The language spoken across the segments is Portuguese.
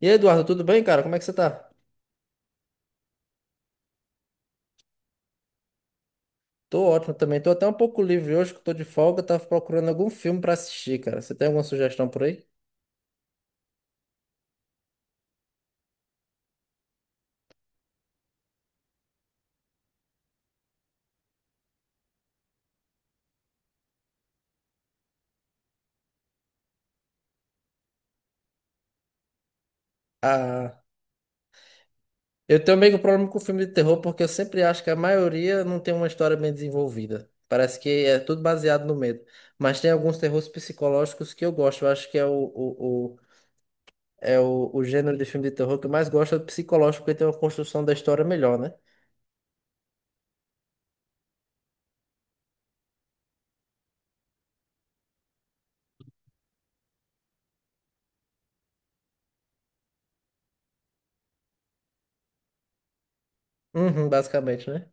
E aí, Eduardo, tudo bem, cara? Como é que você tá? Tô ótimo também. Tô até um pouco livre hoje, que eu tô de folga. Tava procurando algum filme pra assistir, cara. Você tem alguma sugestão por aí? Ah, eu tenho meio que um problema com filme de terror, porque eu sempre acho que a maioria não tem uma história bem desenvolvida. Parece que é tudo baseado no medo. Mas tem alguns terrores psicológicos que eu gosto. Eu acho que é o gênero de filme de terror que eu mais gosto é o psicológico, porque tem uma construção da história melhor, né? Uhum, basicamente, né?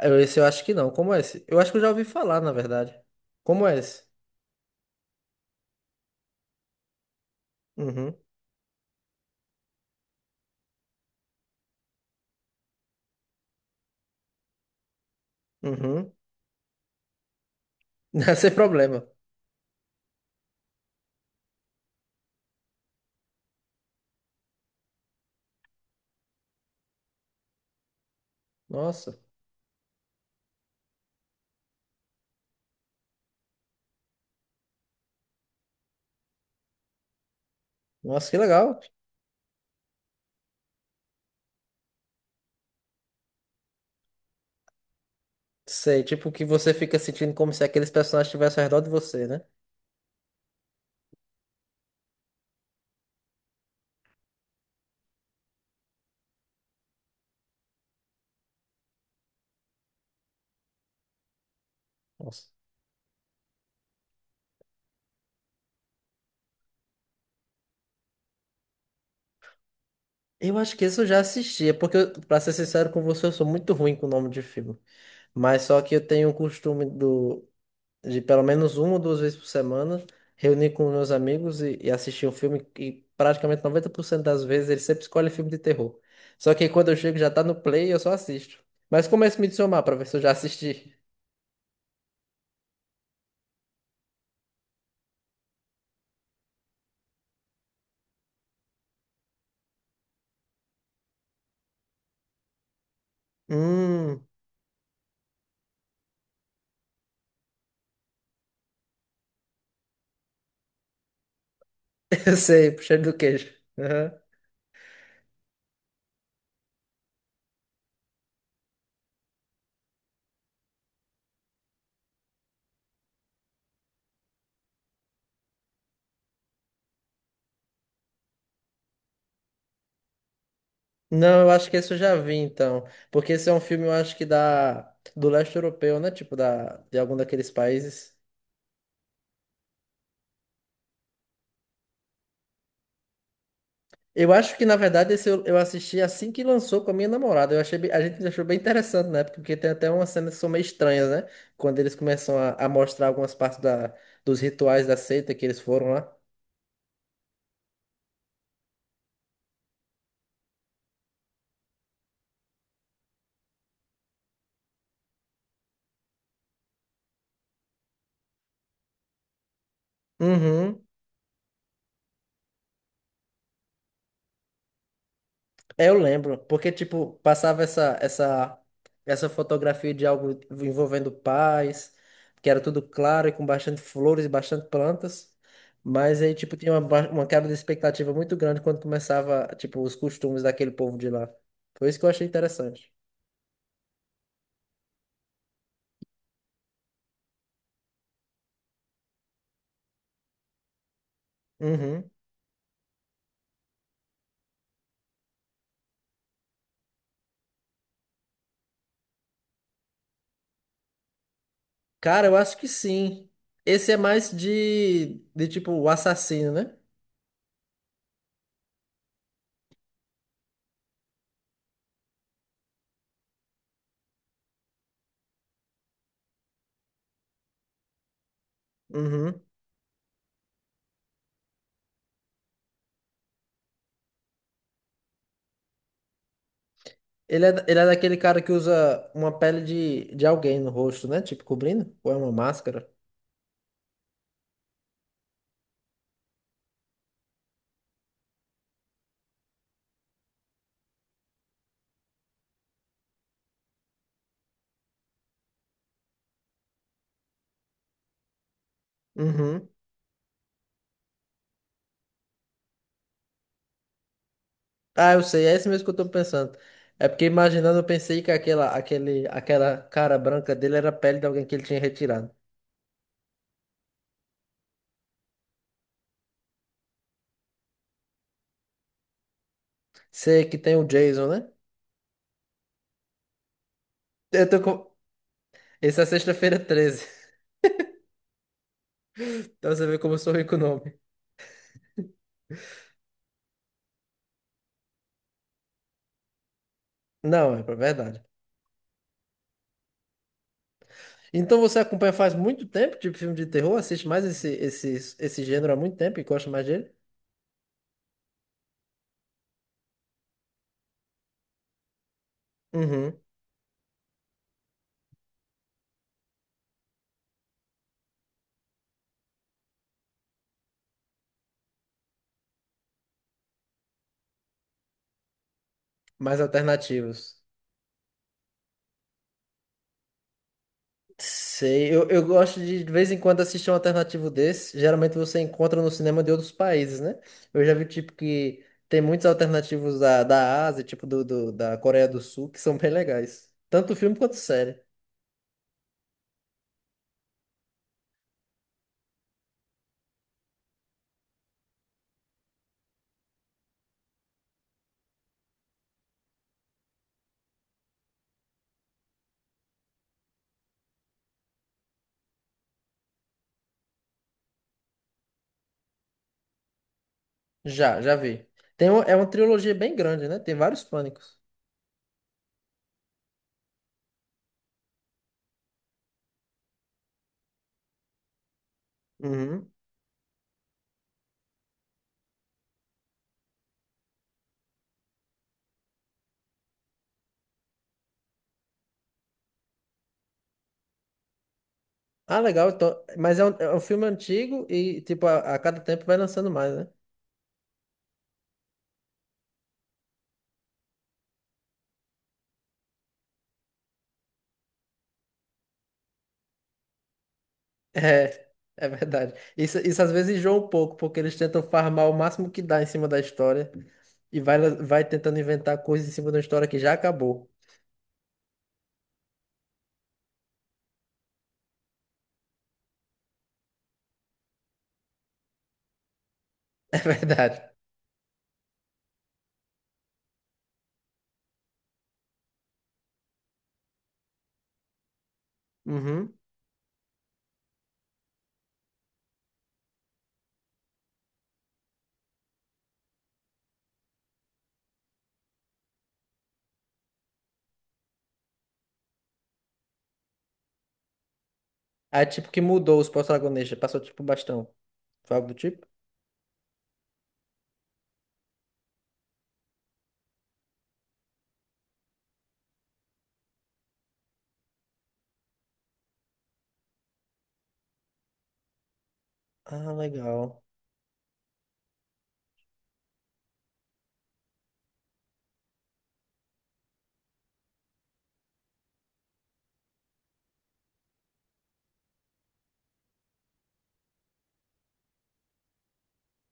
Esse eu acho que não. Como é esse? Eu acho que eu já ouvi falar, na verdade. Como é esse? Uhum, uhum. Não é. Sem problema. Nossa, nossa, que legal. Sei, tipo que você fica sentindo como se aqueles personagens estivessem ao redor de você, né? Nossa. Eu acho que isso eu já assisti, é porque, pra ser sincero com você, eu sou muito ruim com o nome de filme. Mas só que eu tenho o costume do. De pelo menos uma ou duas vezes por semana, reunir com meus amigos e assistir um filme e praticamente 90% das vezes ele sempre escolhe filme de terror. Só que quando eu chego já tá no play e eu só assisto. Mas começa a me dissomar pra ver se eu já assisti. Hum, eu sei, pro cheiro do queijo. Aham. Não, eu acho que esse eu já vi, então. Porque esse é um filme, eu acho que do leste europeu, né? Tipo, de algum daqueles países. Eu acho que, na verdade, esse eu assisti assim que lançou com a minha namorada. Eu achei, a gente achou bem interessante, né? Porque tem até umas cenas que são meio estranhas, né? Quando eles começam a mostrar algumas partes dos rituais da seita que eles foram lá. Uhum. É, eu lembro, porque tipo, passava essa fotografia de algo envolvendo paz, que era tudo claro e com bastante flores e bastante plantas, mas aí tipo tinha uma, uma quebra de expectativa muito grande quando começava, tipo, os costumes daquele povo de lá. Foi isso que eu achei interessante. Uhum. Cara, eu acho que sim. Esse é mais de tipo o assassino, né? Uhum. Ele é daquele cara que usa uma pele de alguém no rosto, né? Tipo, cobrindo? Ou é uma máscara? Uhum. Ah, eu sei, é esse mesmo que eu tô pensando. É porque imaginando, eu pensei que aquela cara branca dele era a pele de alguém que ele tinha retirado. Sei que tem o Jason, né? Eu tô com... Esse é sexta-feira 13. Então você vê como eu sou rico o nome. Não, é verdade. Então você acompanha faz muito tempo, tipo filme de terror? Assiste mais esse gênero há muito tempo e gosta mais dele? Uhum. Mais alternativos. Sei, eu gosto de vez em quando assistir um alternativo desse. Geralmente você encontra no cinema de outros países, né? Eu já vi, tipo, que tem muitos alternativos da Ásia, tipo, da Coreia do Sul, que são bem legais. Tanto filme quanto série. Já, já vi. Tem é uma trilogia bem grande, né? Tem vários pânicos. Uhum. Ah, legal. Então, mas é um filme antigo e, tipo, a cada tempo vai lançando mais, né? É, é verdade. Isso às vezes enjoa um pouco, porque eles tentam farmar o máximo que dá em cima da história e vai tentando inventar coisas em cima de uma história que já acabou. É verdade. Uhum. Aí, tipo, que mudou os protagonistas, passou tipo bastão. Foi algo do tipo? Ah, legal.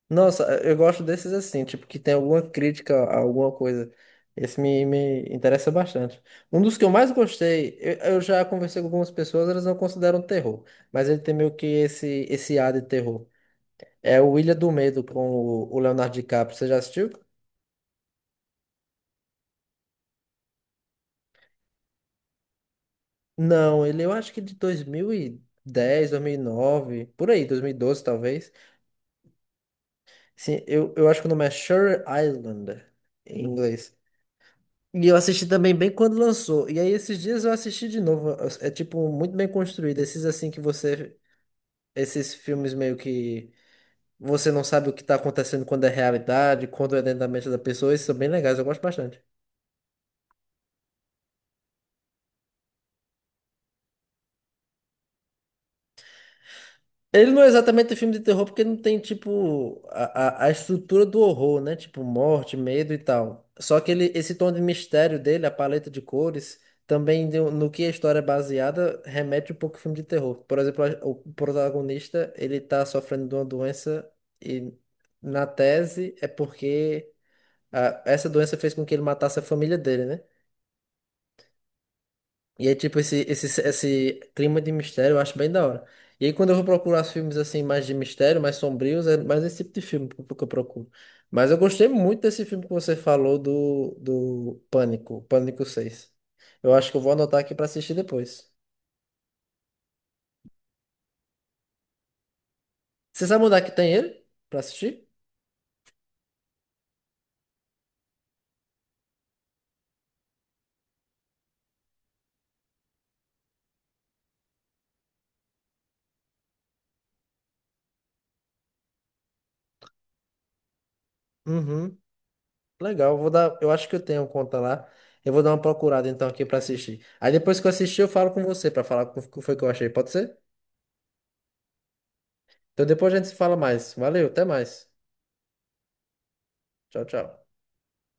Nossa, eu gosto desses assim, tipo, que tem alguma crítica a alguma coisa. Esse me interessa bastante. Um dos que eu mais gostei, eu já conversei com algumas pessoas, elas não consideram terror, mas ele tem meio que esse ar de terror. É o Ilha do Medo com o Leonardo DiCaprio. Você já assistiu? Não, ele eu acho que de 2010, 2009, por aí, 2012 talvez. Sim, eu acho que o nome é Shutter Island em inglês. E eu assisti também bem quando lançou. E aí esses dias eu assisti de novo. É, tipo muito bem construído. Esses assim que você. Esses filmes meio que você não sabe o que tá acontecendo quando é realidade, quando é dentro da mente da pessoa. Esses são bem legais, eu gosto bastante. Ele não é exatamente um filme de terror porque não tem, tipo, a estrutura do horror, né? Tipo, morte, medo e tal. Só que ele, esse tom de mistério dele, a paleta de cores, também no que a história é baseada, remete um pouco ao filme de terror. Por exemplo, o protagonista, ele tá sofrendo de uma doença e na tese é porque essa doença fez com que ele matasse a família dele, né? E é tipo, esse clima de mistério eu acho bem da hora. E aí, quando eu vou procurar os filmes assim, mais de mistério, mais sombrios, é mais esse tipo de filme que eu procuro. Mas eu gostei muito desse filme que você falou do Pânico, Pânico 6. Eu acho que eu vou anotar aqui pra assistir depois. Você sabe onde é que tem ele? Pra assistir? Uhum. Legal, eu vou dar. Eu acho que eu tenho conta lá. Eu vou dar uma procurada então aqui pra assistir. Aí depois que eu assistir, eu falo com você pra falar o que foi que eu achei. Pode ser? Então depois a gente se fala mais. Valeu, até mais. Tchau, tchau.